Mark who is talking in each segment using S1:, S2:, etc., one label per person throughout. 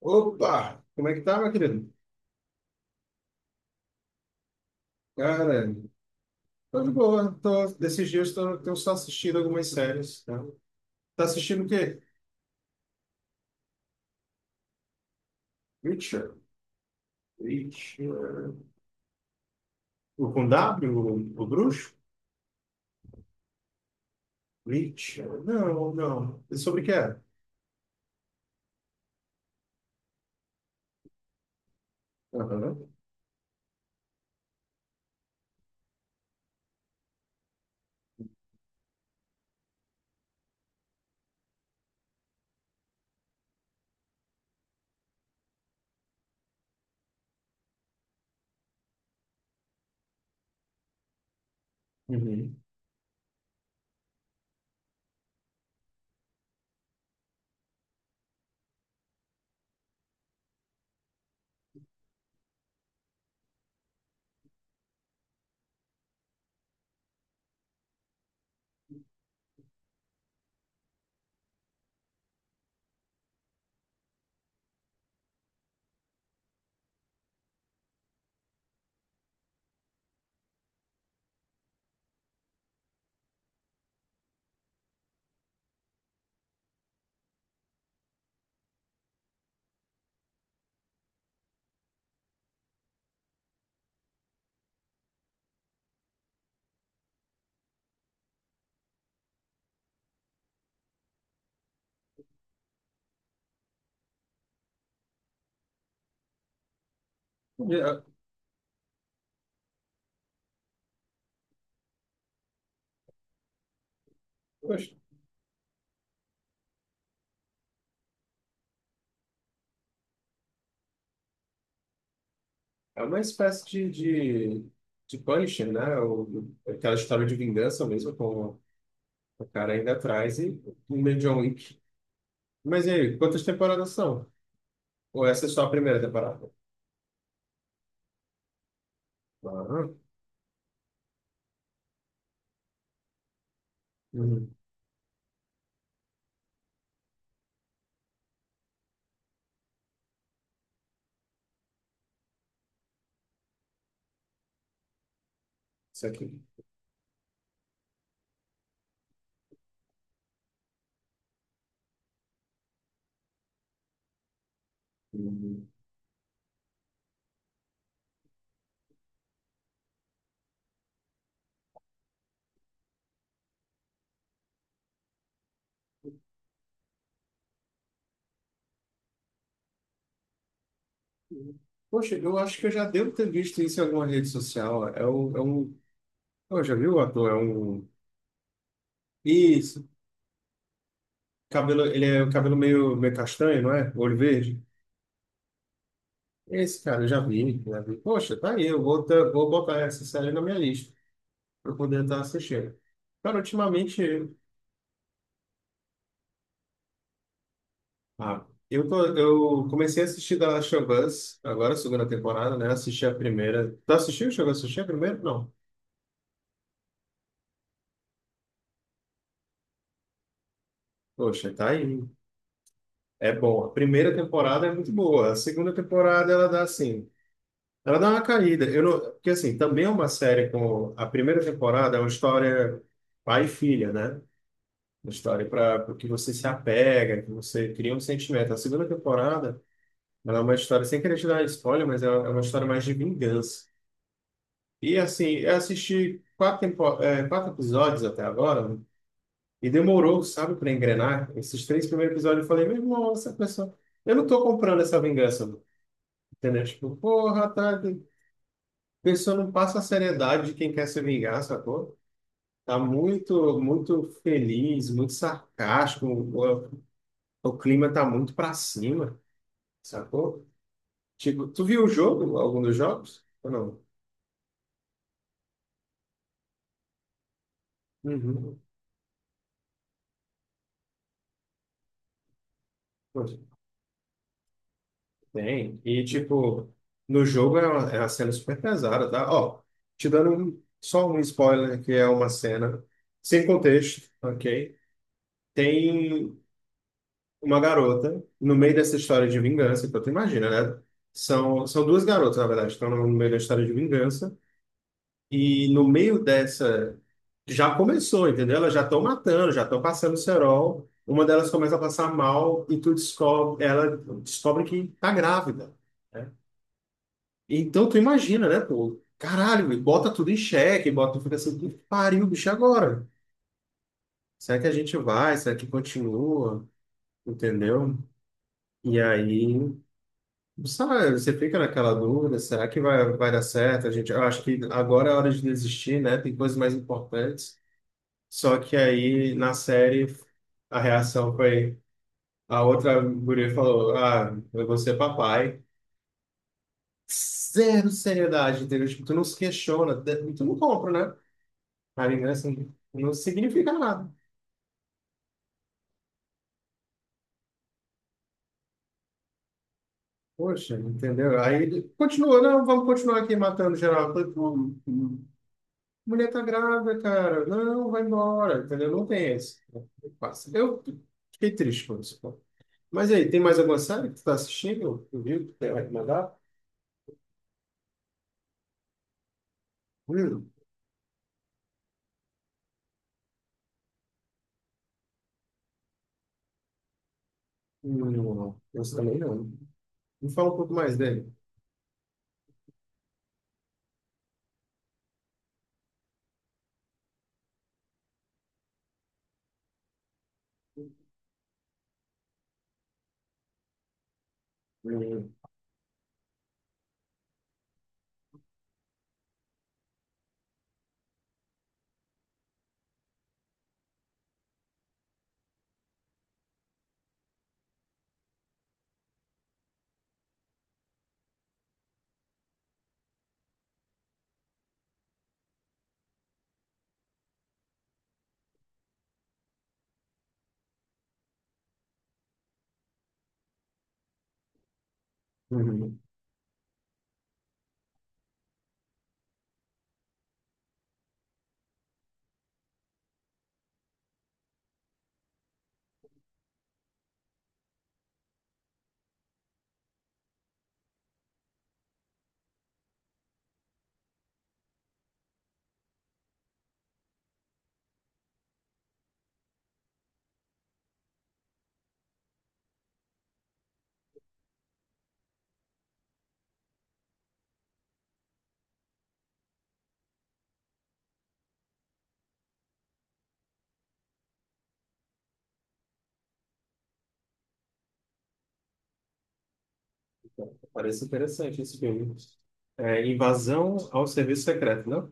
S1: Opa! Como é que tá, meu querido? Cara, tô de boa. Tô, desses dias tô, tenho só assistido algumas séries. Né? Tá assistindo o quê? Richard. Richard. O com W? O bruxo? Richard. Não, não. E sobre o que é? Aham. Uhum. É, poxa, é uma espécie de, de Punisher, né? O, aquela história de vingança mesmo, com o cara ainda atrás e o meio John Wick. Mas e aí, quantas temporadas são? Ou essa é só a primeira temporada? Ah. Uhum. Isso aqui. Uhum. Poxa, eu acho que eu já devo ter visto isso em alguma rede social. É um... Oh, já viu o ator? É um... Isso. Cabelo, ele é o cabelo meio, meio castanho, não é? Olho verde. Esse cara, eu já vi, já vi. Poxa, tá aí. Eu vou, vou botar essa série na minha lista para poder estar assistindo. Cara, ultimamente... Ah, eu, tô, eu comecei a assistir The Last of Us, agora a segunda temporada, né? Assisti a primeira. Tu assistiu? Chegou a assistir a primeira? Não. Poxa, tá aí. É bom. A primeira temporada é muito boa. A segunda temporada ela dá assim, ela dá uma caída. Eu não, porque assim, também é uma série com a primeira temporada é uma história pai e filha, né? Uma história para que você se apega, que você cria um sentimento. A segunda temporada ela é uma história sem querer te dar spoiler, mas é uma história mais de vingança. E assim, eu assisti quatro episódios até agora né? E demorou, sabe, para engrenar. Esses três primeiros episódios eu falei, meu irmão, essa pessoa eu não estou comprando essa vingança. Entendeu? Tipo, porra, tá. A pessoa não passa a seriedade de quem quer se vingar, sacou? Tá muito, muito feliz, muito sarcástico. O clima tá muito pra cima, sacou? Tipo, tu viu o jogo, algum dos jogos? Ou não? Uhum. Pois, tem. E, tipo, no jogo é uma cena super pesada, tá? Ó, te dando só um spoiler, que é uma cena sem contexto, ok? Tem uma garota no meio dessa história de vingança. Então, tu imagina, né? São duas garotas, na verdade, que estão no meio da história de vingança. E no meio dessa. Já começou, entendeu? Elas já estão matando, já estão passando cerol. Uma delas começa a passar mal e tu descobre, ela descobre que tá grávida. Né? Então tu imagina, né, pô? Caralho, e bota tudo em xeque, bota, fica assim, que pariu, bicho, e agora? Será que a gente vai? Será que continua? Entendeu? E aí. Sabe, você fica naquela dúvida, será que vai dar certo? A gente, eu acho que agora é hora de desistir, né? Tem coisas mais importantes. Só que aí, na série, a reação foi... A outra guria falou, ah, eu vou ser papai. Zero seriedade, entendeu? Tipo, tu não se questiona, tu não compra, né? A vingança não significa nada. Poxa, entendeu? Aí, ele continuou, não, vamos continuar aqui matando geral. Eu falei, pô, mulher tá grávida, cara. Não, vai embora, entendeu? Não tem esse. Passa. Eu fiquei triste com isso, pô. Mas aí, tem mais alguma série que tu tá assistindo? Tu viu que tem vai te mandar? Hum, não, não. Esse também não. Me fala um pouco mais dele. Hum, hum. Hum. Parece interessante esse filme. É, invasão ao serviço secreto, não?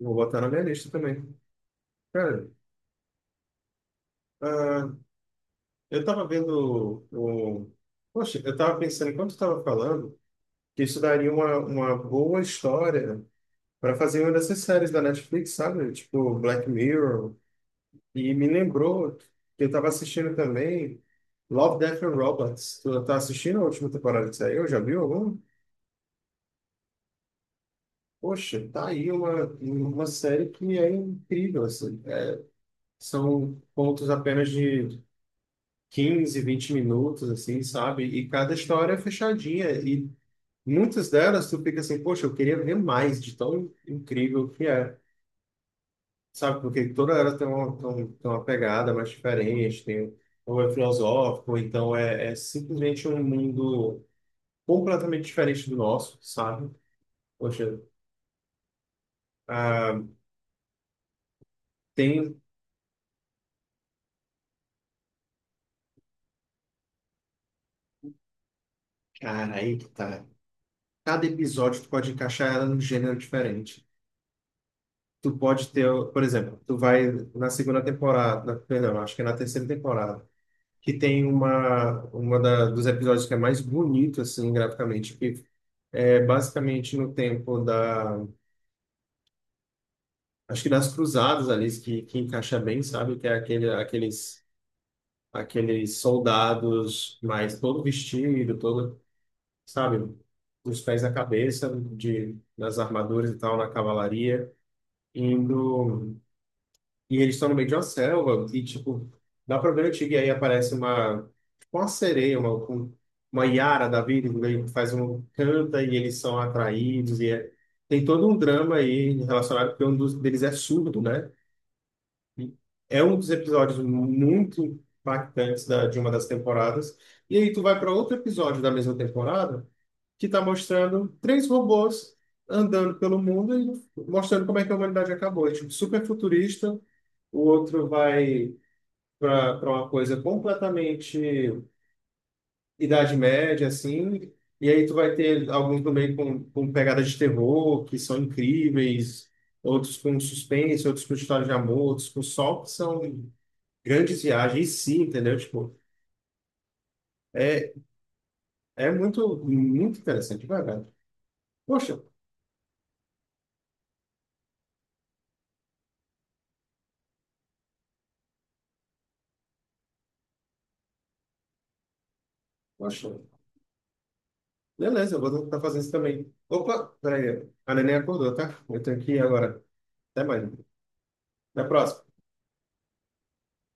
S1: Vou botar na minha lista também. Cara, ah, eu tava vendo o... Poxa, eu tava pensando, enquanto eu tava falando, que isso daria uma boa história para fazer uma dessas séries da Netflix, sabe? Tipo Black Mirror. E me lembrou que eu estava assistindo também Love, Death and Robots. Tu tá assistindo a última temporada que saiu? Já viu algum? Poxa, tá aí uma série que é incrível, assim. São pontos apenas de 15, 20 minutos, assim, sabe? E cada história é fechadinha. E muitas delas tu fica assim, poxa, eu queria ver mais de tão incrível que é. Sabe, porque toda era tem uma, tem um- tem uma pegada mais diferente, tem, ou é filosófico, ou então é simplesmente um mundo completamente diferente do nosso, sabe? Poxa, ah, tem. Cara, aí que tá. Cada episódio tu pode encaixar ela num gênero diferente. Tu pode ter, por exemplo, tu vai na segunda temporada, perdão, acho que é na terceira temporada, que tem uma da, dos episódios que é mais bonito, assim, graficamente, que é basicamente no tempo da. Acho que nas cruzadas ali que encaixa bem, sabe? Que é aqueles soldados mais todo vestido, todo, sabe? Os pés na cabeça, nas armaduras e tal, na cavalaria, indo. E eles estão no meio de uma selva, e tipo, dá pra ver o tigre, e aí aparece uma, tipo uma sereia, uma, uma Yara da vida, e aí faz um canta e eles são atraídos, tem todo um drama aí relacionado, porque um dos deles é surdo, né? É um dos episódios muito impactantes de uma das temporadas. E aí tu vai para outro episódio da mesma temporada que está mostrando três robôs andando pelo mundo e mostrando como é que a humanidade acabou. É, tipo, super futurista. O outro vai para uma coisa completamente Idade Média, assim. E aí tu vai ter alguns também com pegadas de terror que são incríveis. Outros com suspense, outros com história de amor, outros com sol, que são grandes viagens, sim, entendeu? Tipo, é, é muito, muito interessante, de verdade. Poxa, poxa, beleza, eu vou tentar fazer isso também. Opa, peraí, a neném acordou, tá? Eu tenho que ir agora. Até mais. Até a próxima.